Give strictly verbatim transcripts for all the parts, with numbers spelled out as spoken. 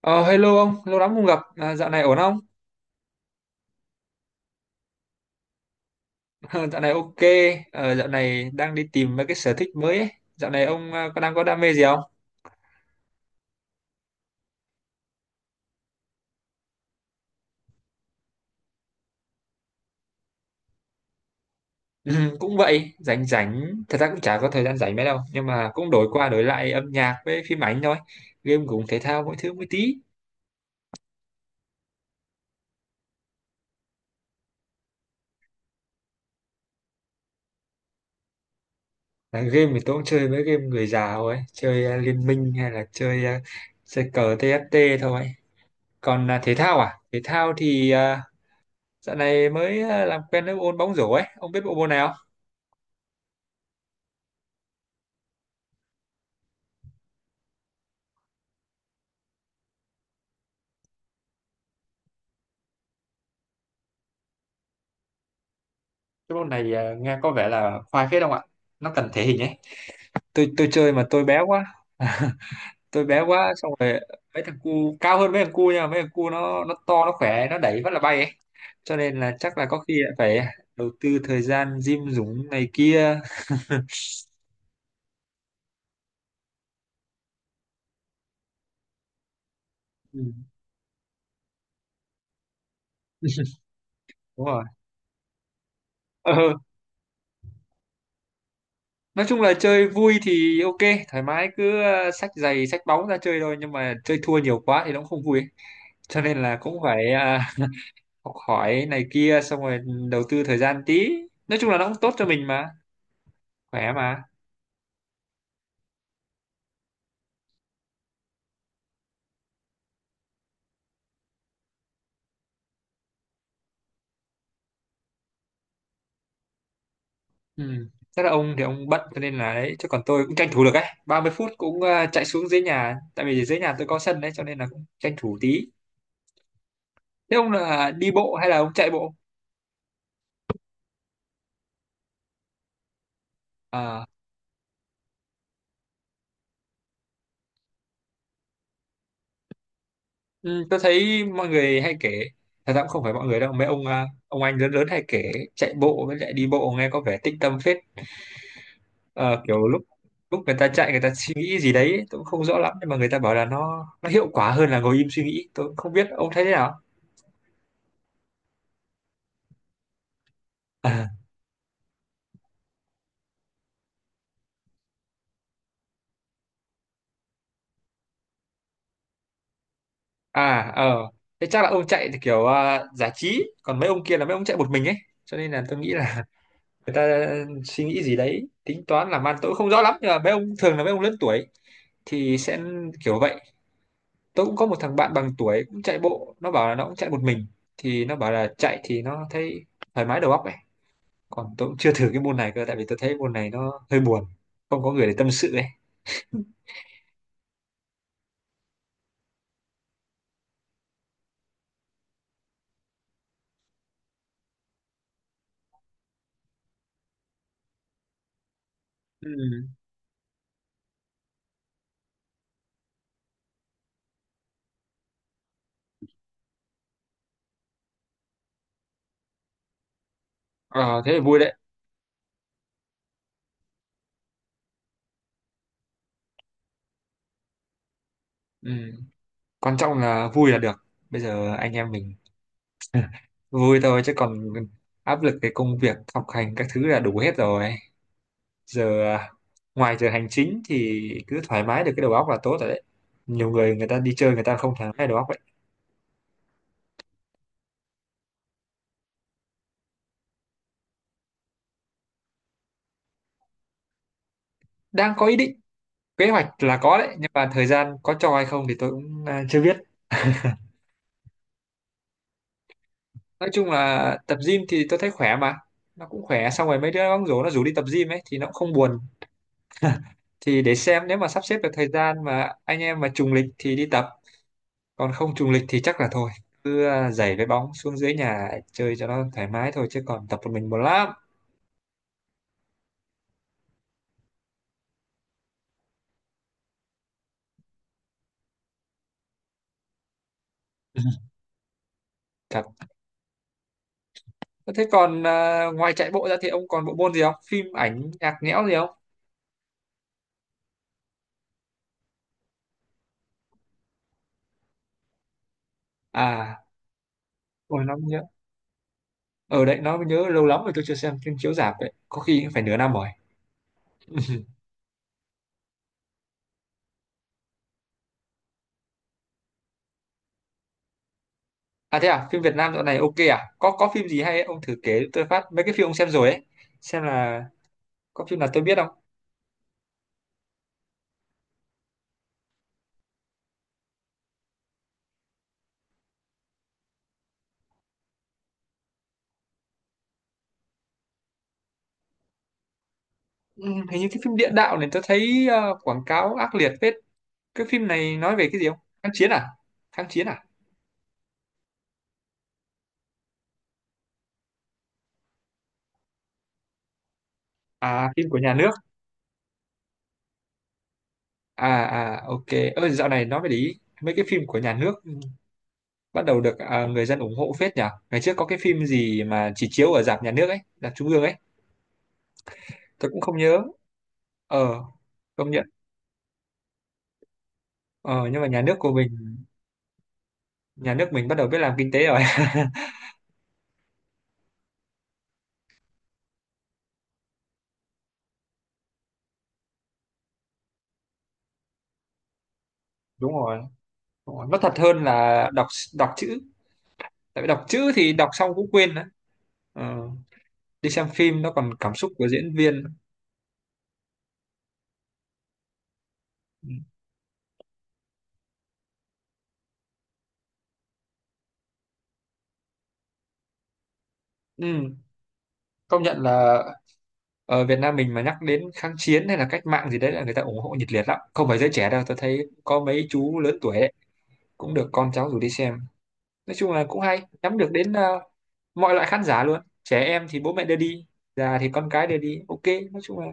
Ờ, Hello ông, lâu lắm không gặp. À, dạo này ổn không? Dạo này ok. Ờ, dạo này đang đi tìm mấy cái sở thích mới ấy. Dạo này ông à, có đang có đam mê gì không? Ừ, Cũng vậy, rảnh rảnh. Thật ra cũng chả có thời gian rảnh mấy đâu. Nhưng mà cũng đổi qua đổi lại âm nhạc với phim ảnh thôi. Game cũng thể thao mỗi thứ mỗi tí. À, game thì tôi cũng chơi mấy game người già thôi. Chơi à, Liên Minh hay là chơi, à, chơi cờ tê ép tê thôi. Còn à, thể thao à? Thể thao thì à, dạo này mới à, làm quen với bộ môn bóng rổ ấy. Ông biết bộ môn này, cái môn này à, nghe có vẻ là khoai phết không ạ, nó cần thể hình ấy. Tôi tôi chơi mà tôi bé quá, tôi bé quá xong rồi mấy thằng cu cao hơn mấy thằng cu nha, mấy thằng cu nó nó to, nó khỏe, nó đẩy rất là bay ấy. Cho nên là chắc là có khi lại phải đầu tư thời gian gym dũng này kia. ừ, Đúng rồi. ờ, nói chung là chơi vui thì ok, thoải mái, cứ ờ, xách giày xách bóng ra chơi thôi, nhưng mà chơi thua nhiều quá thì nó cũng không vui ấy. Cho nên là cũng phải à, học hỏi này kia, xong rồi đầu tư thời gian tí. Nói chung là nó cũng tốt cho mình mà, khỏe mà. Ừ, chắc là ông thì ông bận cho nên là đấy, chứ còn tôi cũng tranh thủ được ấy ba mươi phút, cũng ờ, chạy xuống dưới nhà, tại vì dưới nhà tôi có sân đấy, cho nên là cũng tranh thủ tí. Thế ông là đi bộ hay là ông chạy bộ? À. Ừ, tôi thấy mọi người hay kể, thật ra cũng không phải mọi người đâu, mấy ông ờ, ông anh lớn lớn hay kể chạy bộ với lại đi bộ, nghe có vẻ tĩnh tâm phết. Ờ, kiểu lúc lúc người ta chạy người ta suy nghĩ gì đấy, tôi cũng không rõ lắm, nhưng mà người ta bảo là nó nó hiệu quả hơn là ngồi im suy nghĩ. Tôi cũng không biết ông thấy thế nào. À ờ, thế chắc là ông chạy thì kiểu à, giải trí, còn mấy ông kia là mấy ông chạy một mình ấy, cho nên là tôi nghĩ là người ta suy nghĩ gì đấy tính toán làm ăn, tôi cũng không rõ lắm, nhưng mà mấy ông thường là mấy ông lớn tuổi thì sẽ kiểu vậy. Tôi cũng có một thằng bạn bằng tuổi cũng chạy bộ, nó bảo là nó cũng chạy một mình, thì nó bảo là chạy thì nó thấy thoải mái đầu óc ấy. Còn tôi cũng chưa thử cái môn này cơ, tại vì tôi thấy môn này nó hơi buồn, không có người để tâm sự ấy. Ừ. Ờ, thế là vui đấy. Ừ, quan trọng là vui là được. Bây giờ anh em mình vui thôi, chứ còn áp lực cái công việc học hành các thứ là đủ hết rồi. Giờ à, ngoài giờ hành chính thì cứ thoải mái được cái đầu óc là tốt rồi đấy. Nhiều người người ta đi chơi người ta không thoải mái đầu óc vậy. Đang có ý định, kế hoạch là có đấy, nhưng mà thời gian có cho hay không thì tôi cũng à, chưa biết. Nói chung là tập gym thì tôi thấy khỏe mà, nó cũng khỏe, xong rồi mấy đứa bóng rổ nó rủ đi tập gym ấy thì nó cũng không buồn. Thì để xem nếu mà sắp xếp được thời gian mà anh em mà trùng lịch thì đi tập, còn không trùng lịch thì chắc là thôi, cứ à, giày với bóng xuống dưới nhà chơi cho nó thoải mái thôi, chứ còn tập một mình buồn lắm. Thật. Thế còn à, ngoài chạy bộ ra thì ông còn bộ môn gì không, phim ảnh nhạc nhẽo gì không? À, ôi nó nhớ, ở đấy nó mới nhớ. Lâu lắm rồi tôi chưa xem phim chiếu rạp đấy, có khi cũng phải nửa năm rồi. À thế à, phim Việt Nam dạo này ok à? có có phim gì hay ấy? Ông thử kể tôi phát mấy cái phim ông xem rồi ấy, xem là có phim nào tôi biết không. Ừ, hình như cái phim địa đạo này tôi thấy ờ, quảng cáo ác liệt phết. Cái phim này nói về cái gì không, kháng chiến à? Kháng chiến à? À, phim của nhà nước à? À ok, ơ dạo này nói về lý, mấy cái phim của nhà nước bắt đầu được à, người dân ủng hộ phết nhỉ. Ngày trước có cái phim gì mà chỉ chiếu ở rạp nhà nước ấy, rạp trung ương ấy, tôi cũng không nhớ. Ờ, công nhận. Ờ, nhưng mà nhà nước của mình, nhà nước mình bắt đầu biết làm kinh tế rồi. Đúng rồi, đúng rồi. Nó thật hơn là đọc, đọc chữ, tại vì đọc chữ thì đọc xong cũng quên đấy. Ờ, đi xem phim nó còn cảm xúc của diễn viên. Ừ, công nhận là ở Việt Nam mình mà nhắc đến kháng chiến hay là cách mạng gì đấy là người ta ủng hộ nhiệt liệt lắm, không phải giới trẻ đâu, tôi thấy có mấy chú lớn tuổi ấy, cũng được con cháu rủ đi xem. Nói chung là cũng hay, nhắm được đến ờ, mọi loại khán giả luôn, trẻ em thì bố mẹ đưa đi, già thì con cái đưa đi, ok. Nói chung là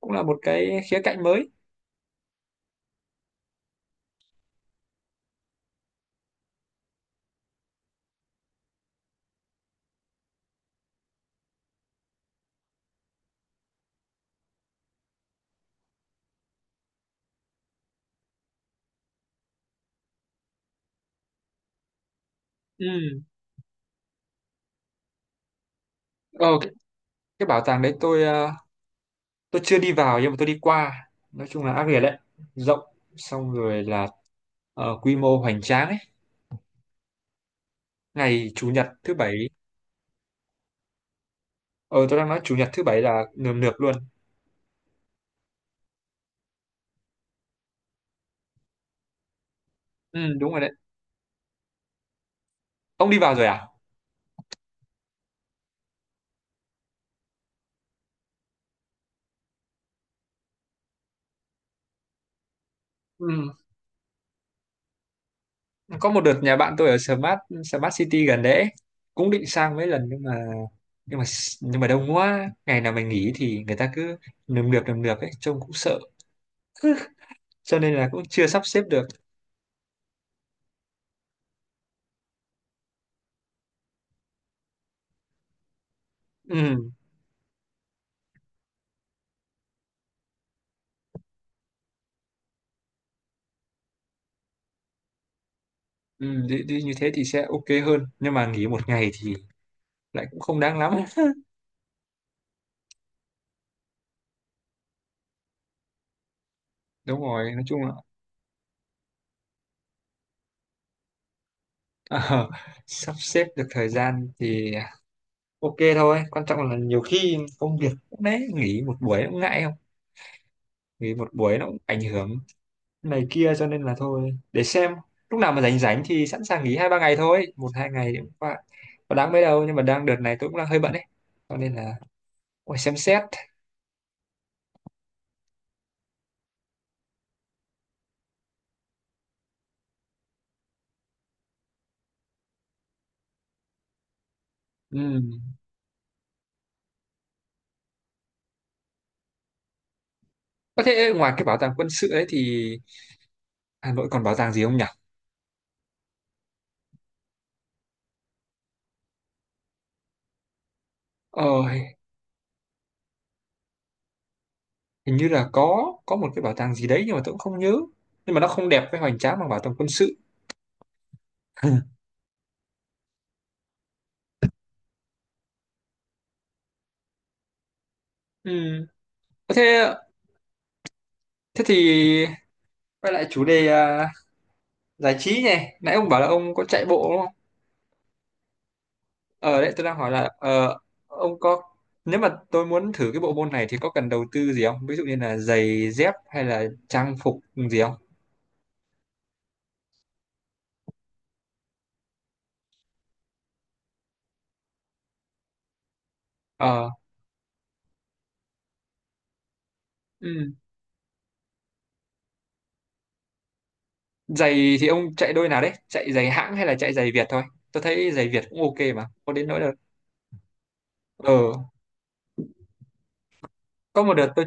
cũng là một cái khía cạnh mới. Ừ. Ờ, cái, cái bảo tàng đấy tôi ờ, tôi chưa đi vào nhưng mà tôi đi qua, nói chung là ác liệt đấy, rộng, xong rồi là ờ, quy mô hoành tráng ấy. Ngày chủ nhật thứ bảy, ờ tôi đang nói chủ nhật thứ bảy là nườm nượp luôn. Ừ đúng rồi đấy. Ông đi vào rồi à? Ừ, có một đợt nhà bạn tôi ở Smart, Smart City gần đấy ấy. Cũng định sang mấy lần nhưng mà, nhưng mà nhưng mà đông quá, ngày nào mình nghỉ thì người ta cứ nườm nượp nườm nượp ấy, trông cũng sợ, cho nên là cũng chưa sắp xếp được. Ừ, ừ đi, đi như thế thì sẽ ok hơn, nhưng mà nghỉ một ngày thì lại cũng không đáng lắm. Đúng rồi, nói chung là ờ, sắp xếp được thời gian thì ok thôi. Quan trọng là nhiều khi công việc cũng đấy, nghỉ một buổi cũng ngại, không nghỉ một buổi nó cũng ảnh hưởng này kia, cho nên là thôi để xem lúc nào mà rảnh rảnh thì sẵn sàng nghỉ hai ba ngày thôi, một hai ngày thì cũng qua, có đáng mấy đâu, nhưng mà đang đợt này tôi cũng đang hơi bận ấy, cho nên là phải xem xét. Ừm. Có thể ngoài cái bảo tàng quân sự ấy thì Hà Nội còn bảo tàng gì không nhỉ? Ờ hình như là có có một cái bảo tàng gì đấy, nhưng mà tôi cũng không nhớ, nhưng mà nó không đẹp với hoành tráng bằng bảo tàng quân sự. Ừm. Có thế, thế thì quay lại chủ đề à, giải trí nhỉ. Nãy ông bảo là ông có chạy bộ đúng không? Ở đấy tôi đang hỏi là ờ, ông có, nếu mà tôi muốn thử cái bộ môn này thì có cần đầu tư gì không, ví dụ như là giày dép hay là trang phục gì không? Ờ ừ, giày thì ông chạy đôi nào đấy, chạy giày hãng hay là chạy giày Việt thôi? Tôi thấy giày Việt cũng ok mà, có đến nỗi là ờ có một đợt tôi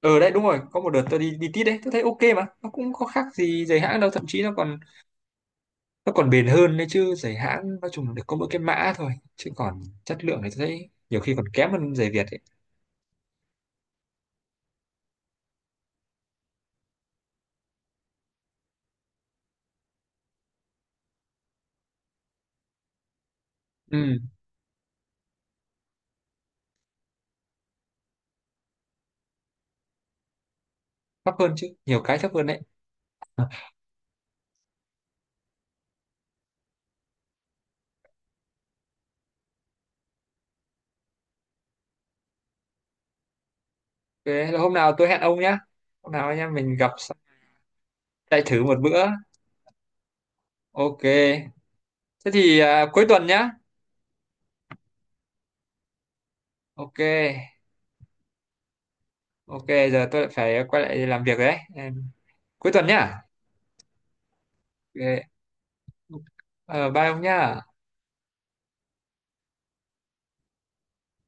ở đấy đúng rồi, có một đợt tôi đi đi tít đấy, tôi thấy ok mà, nó cũng có khác gì giày hãng đâu, thậm chí nó còn nó còn bền hơn đấy chứ. Giày hãng nói chung là được có mỗi cái mã thôi, chứ còn chất lượng thì tôi thấy nhiều khi còn kém hơn giày Việt ấy. Ừ, thấp hơn chứ, nhiều cái thấp hơn đấy. Thế là hôm nào tôi hẹn ông nhá, hôm nào anh em mình gặp xong chạy thử một bữa. Ok thế thì à, cuối tuần nhá. Ok ok. Giờ tôi lại phải quay lại làm việc rồi đấy. Em- cuối tuần nhá. Ok. Ờ, bye ông nhá.